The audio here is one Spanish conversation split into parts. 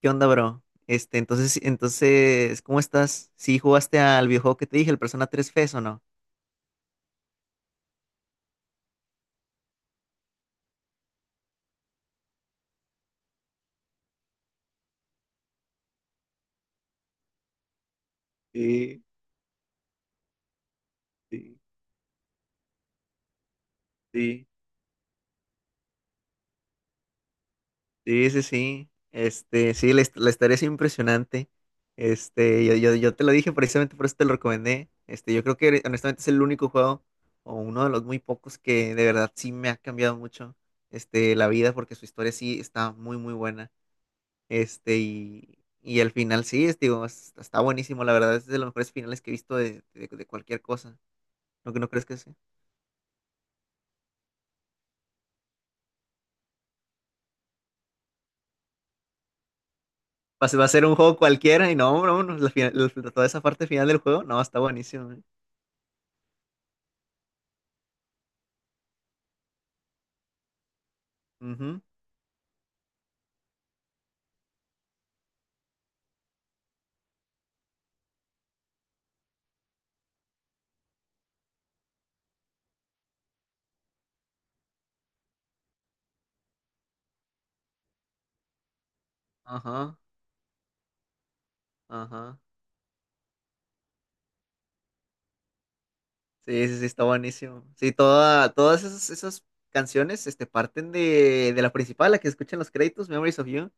¿Qué onda, bro? ¿Cómo estás? ¿Sí jugaste al videojuego que te dije, el Persona 3 FES o no? Sí, sí, sí. Sí, sí, sí. Sí, la historia es impresionante. Yo te lo dije, precisamente por eso te lo recomendé. Yo creo que, honestamente, es el único juego, o uno de los muy pocos, que de verdad sí me ha cambiado mucho, la vida, porque su historia sí está muy, muy buena. Y el final sí, está buenísimo, la verdad, es de los mejores finales que he visto de, de cualquier cosa. No, que no crees que sea. Va a ser un juego cualquiera, y no, no, no, toda esa parte final del juego, no, está buenísimo. Ujú. Ajá, ajá. Sí, sí, sí, está buenísimo. Sí, todas esas, esas canciones, parten de la principal, la que escuchan los créditos, Memories of You.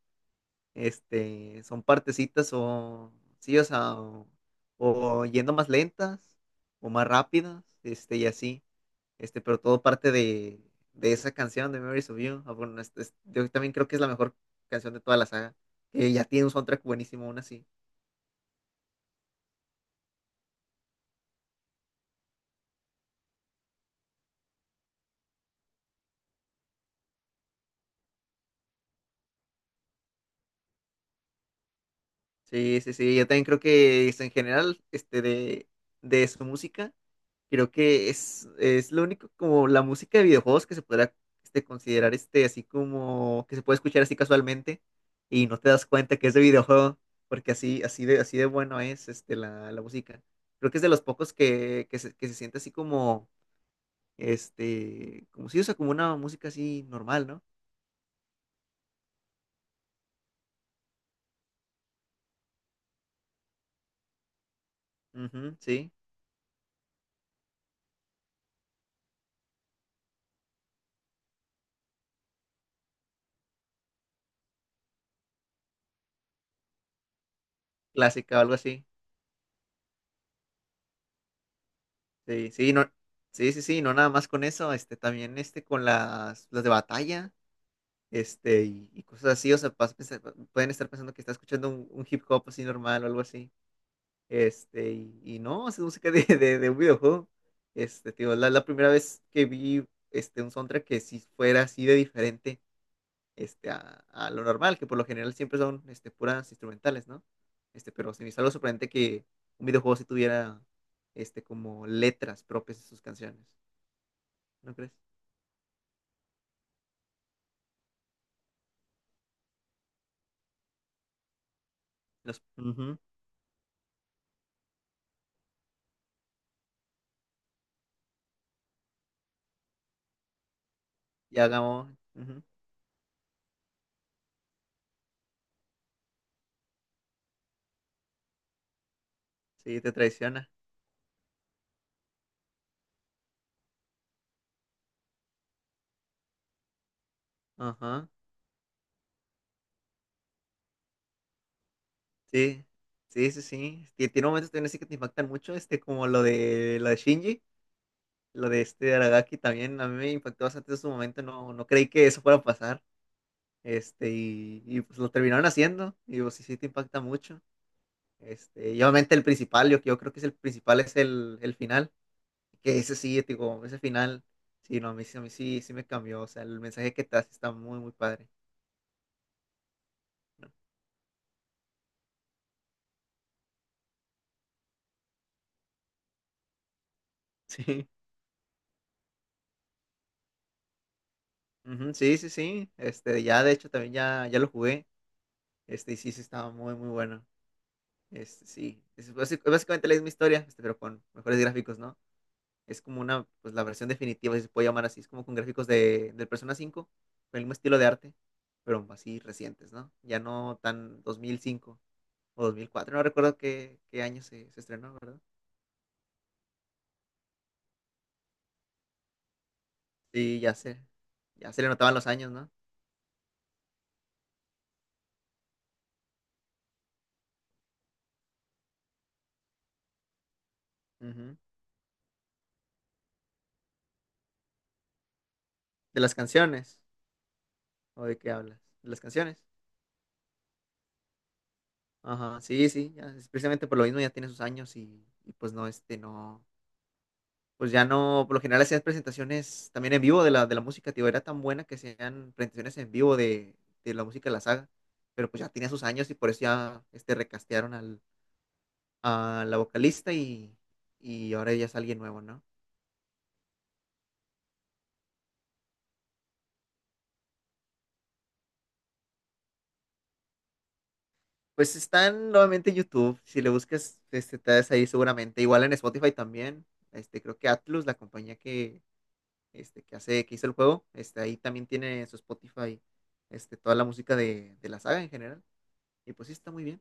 Son partecitas o sí, o yendo más lentas o más rápidas, y así, pero todo parte de esa canción de Memories of You. Ah, bueno, yo también creo que es la mejor canción de toda la saga, que ya tiene un soundtrack buenísimo aún así. Sí, sí, sí, yo también creo que es en general, de su música. Creo que es lo único como la música de videojuegos que se podrá, considerar, así como que se puede escuchar así casualmente y no te das cuenta que es de videojuego, porque así, así de bueno es la, la música. Creo que es de los pocos que, que se siente así como, como si usa como una música así normal, ¿no? Ujú, sí, clásica o algo así. Sí, sí, no, sí, sí, sí, no nada más con eso, también con las de batalla. Y cosas así, o sea, pueden estar pensando que está escuchando un hip hop así normal o algo así, y no, es música de, de un videojuego. Tío, la primera vez que vi, un soundtrack que si fuera así de diferente, a lo normal, que por lo general siempre son, puras instrumentales, ¿no? Pero se me hizo algo sorprendente que un videojuego sí tuviera, como letras propias de sus canciones, ¿no crees? Los, ujú, y hagamos, ujú, sí, te traiciona, ajá. Sí, sí, sí, sí. Tiene momentos también así que te impactan mucho, como lo de Shinji, lo de Aragaki también. A mí me impactó bastante en su momento, no, no creí que eso fuera a pasar. Pues lo terminaron haciendo, y pues sí, sí te impacta mucho. Y obviamente el principal, yo creo que es el principal, es el final, que ese sí, te digo, ese final, sí, no, a mí, a mí sí, sí me cambió, o sea, el mensaje que te hace está muy, muy padre, ¿no? Sí. Ujú, sí, sí, sí. Ya de hecho también ya, ya lo jugué. Y sí, sí, estaba muy, muy bueno. Sí, es básicamente la misma historia, pero con mejores gráficos, ¿no? Es como una, pues la versión definitiva, si se puede llamar así. Es como con gráficos de, del Persona 5, con el mismo estilo de arte, pero así recientes, ¿no? Ya no tan 2005 o 2004, no recuerdo qué, qué año se, se estrenó, ¿verdad? Sí, ya se, ya se le notaban los años, ¿no? Ujú. ¿De las canciones, o de qué hablas? De las canciones. Ajá, sí, sí, ya, es precisamente por lo mismo, ya tiene sus años y pues no, no. Pues ya no, por lo general hacías presentaciones también en vivo de la música. Tío, era tan buena que hacían presentaciones en vivo de la música de la saga, pero pues ya tenía sus años, y por eso ya, recastearon a la vocalista, y ahora ya es alguien nuevo, ¿no? Pues están nuevamente en YouTube, si le buscas, te das ahí seguramente, igual en Spotify también. Creo que Atlus, la compañía que, que hizo el juego, ahí también tiene en su Spotify, toda la música de la saga en general, y pues sí, está muy bien,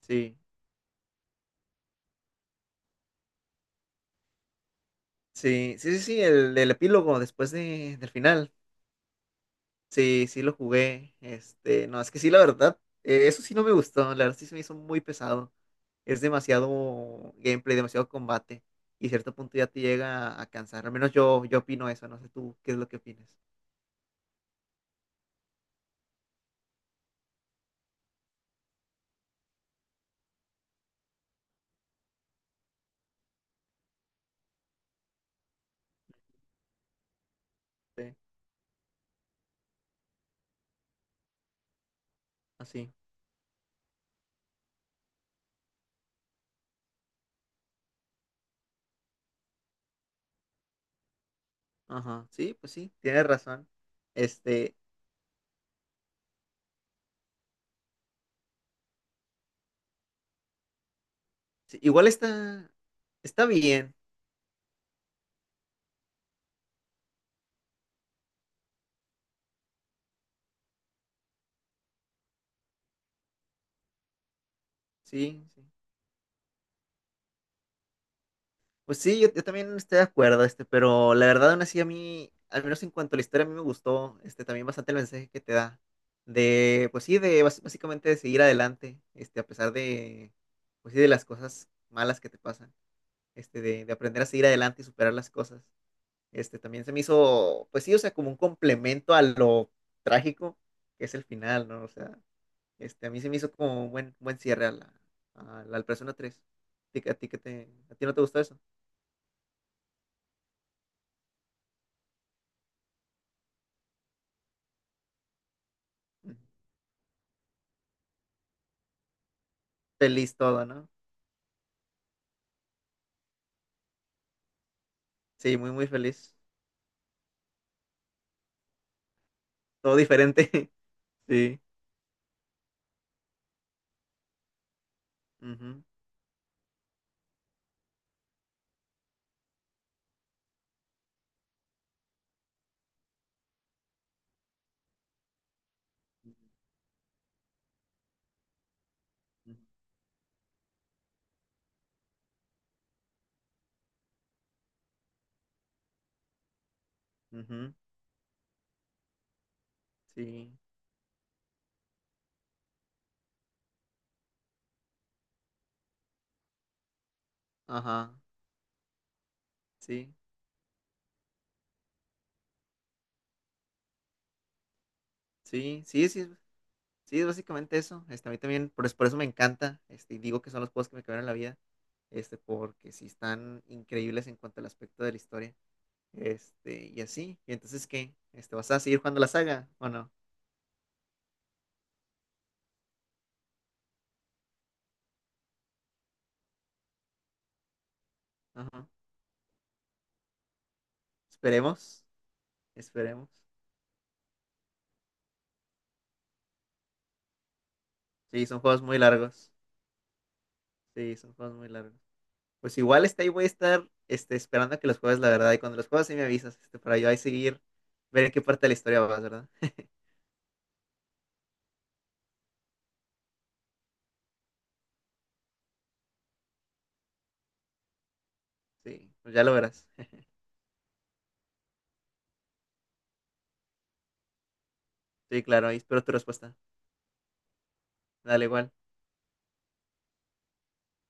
sí. Sí, sí, sí, sí, el epílogo después de, del final. Sí, sí lo jugué. No, es que sí, la verdad, eso sí no me gustó. La verdad sí se me hizo muy pesado. Es demasiado gameplay, demasiado combate. Y a cierto punto ya te llega a cansar. Al menos yo, yo opino eso. No sé tú qué es lo que opinas. Sí, así. Ajá. Sí, pues sí, tienes razón. Este, sí, igual está, está bien. Sí, sí. Pues sí, yo también estoy de acuerdo, pero la verdad, aún así, a mí, al menos en cuanto a la historia, a mí me gustó, también bastante el mensaje que te da, de, pues sí, de básicamente de seguir adelante, a pesar de, pues sí, de las cosas malas que te pasan, de aprender a seguir adelante y superar las cosas. También se me hizo, pues sí, o sea, como un complemento a lo trágico que es el final, ¿no? O sea, a mí se me hizo como un buen, buen cierre a la, al Persona tres. ¿A ti, a ti, a ti no te gustó eso? Feliz todo, ¿no? Sí, muy, muy feliz. Todo diferente. Sí. Ujú, ujú, ujú. Sí. Ajá. Sí. Sí, sí, sí. Sí, es básicamente eso. A mí también, por eso me encanta. Y digo que son los juegos que me cambiaron la vida. Porque sí están increíbles en cuanto al aspecto de la historia. Y así. ¿Y entonces qué? ¿Vas a seguir jugando la saga o no? Ajá. Esperemos. Esperemos. Sí, son juegos muy largos. Sí, son juegos muy largos. Pues igual, ahí voy a estar, esperando a que los juegues, la verdad. Y cuando los juegues, sí me avisas, para yo ahí seguir, ver en qué parte de la historia vas, ¿verdad? Sí, pues ya lo verás. Sí, claro, ahí espero tu respuesta. Dale igual.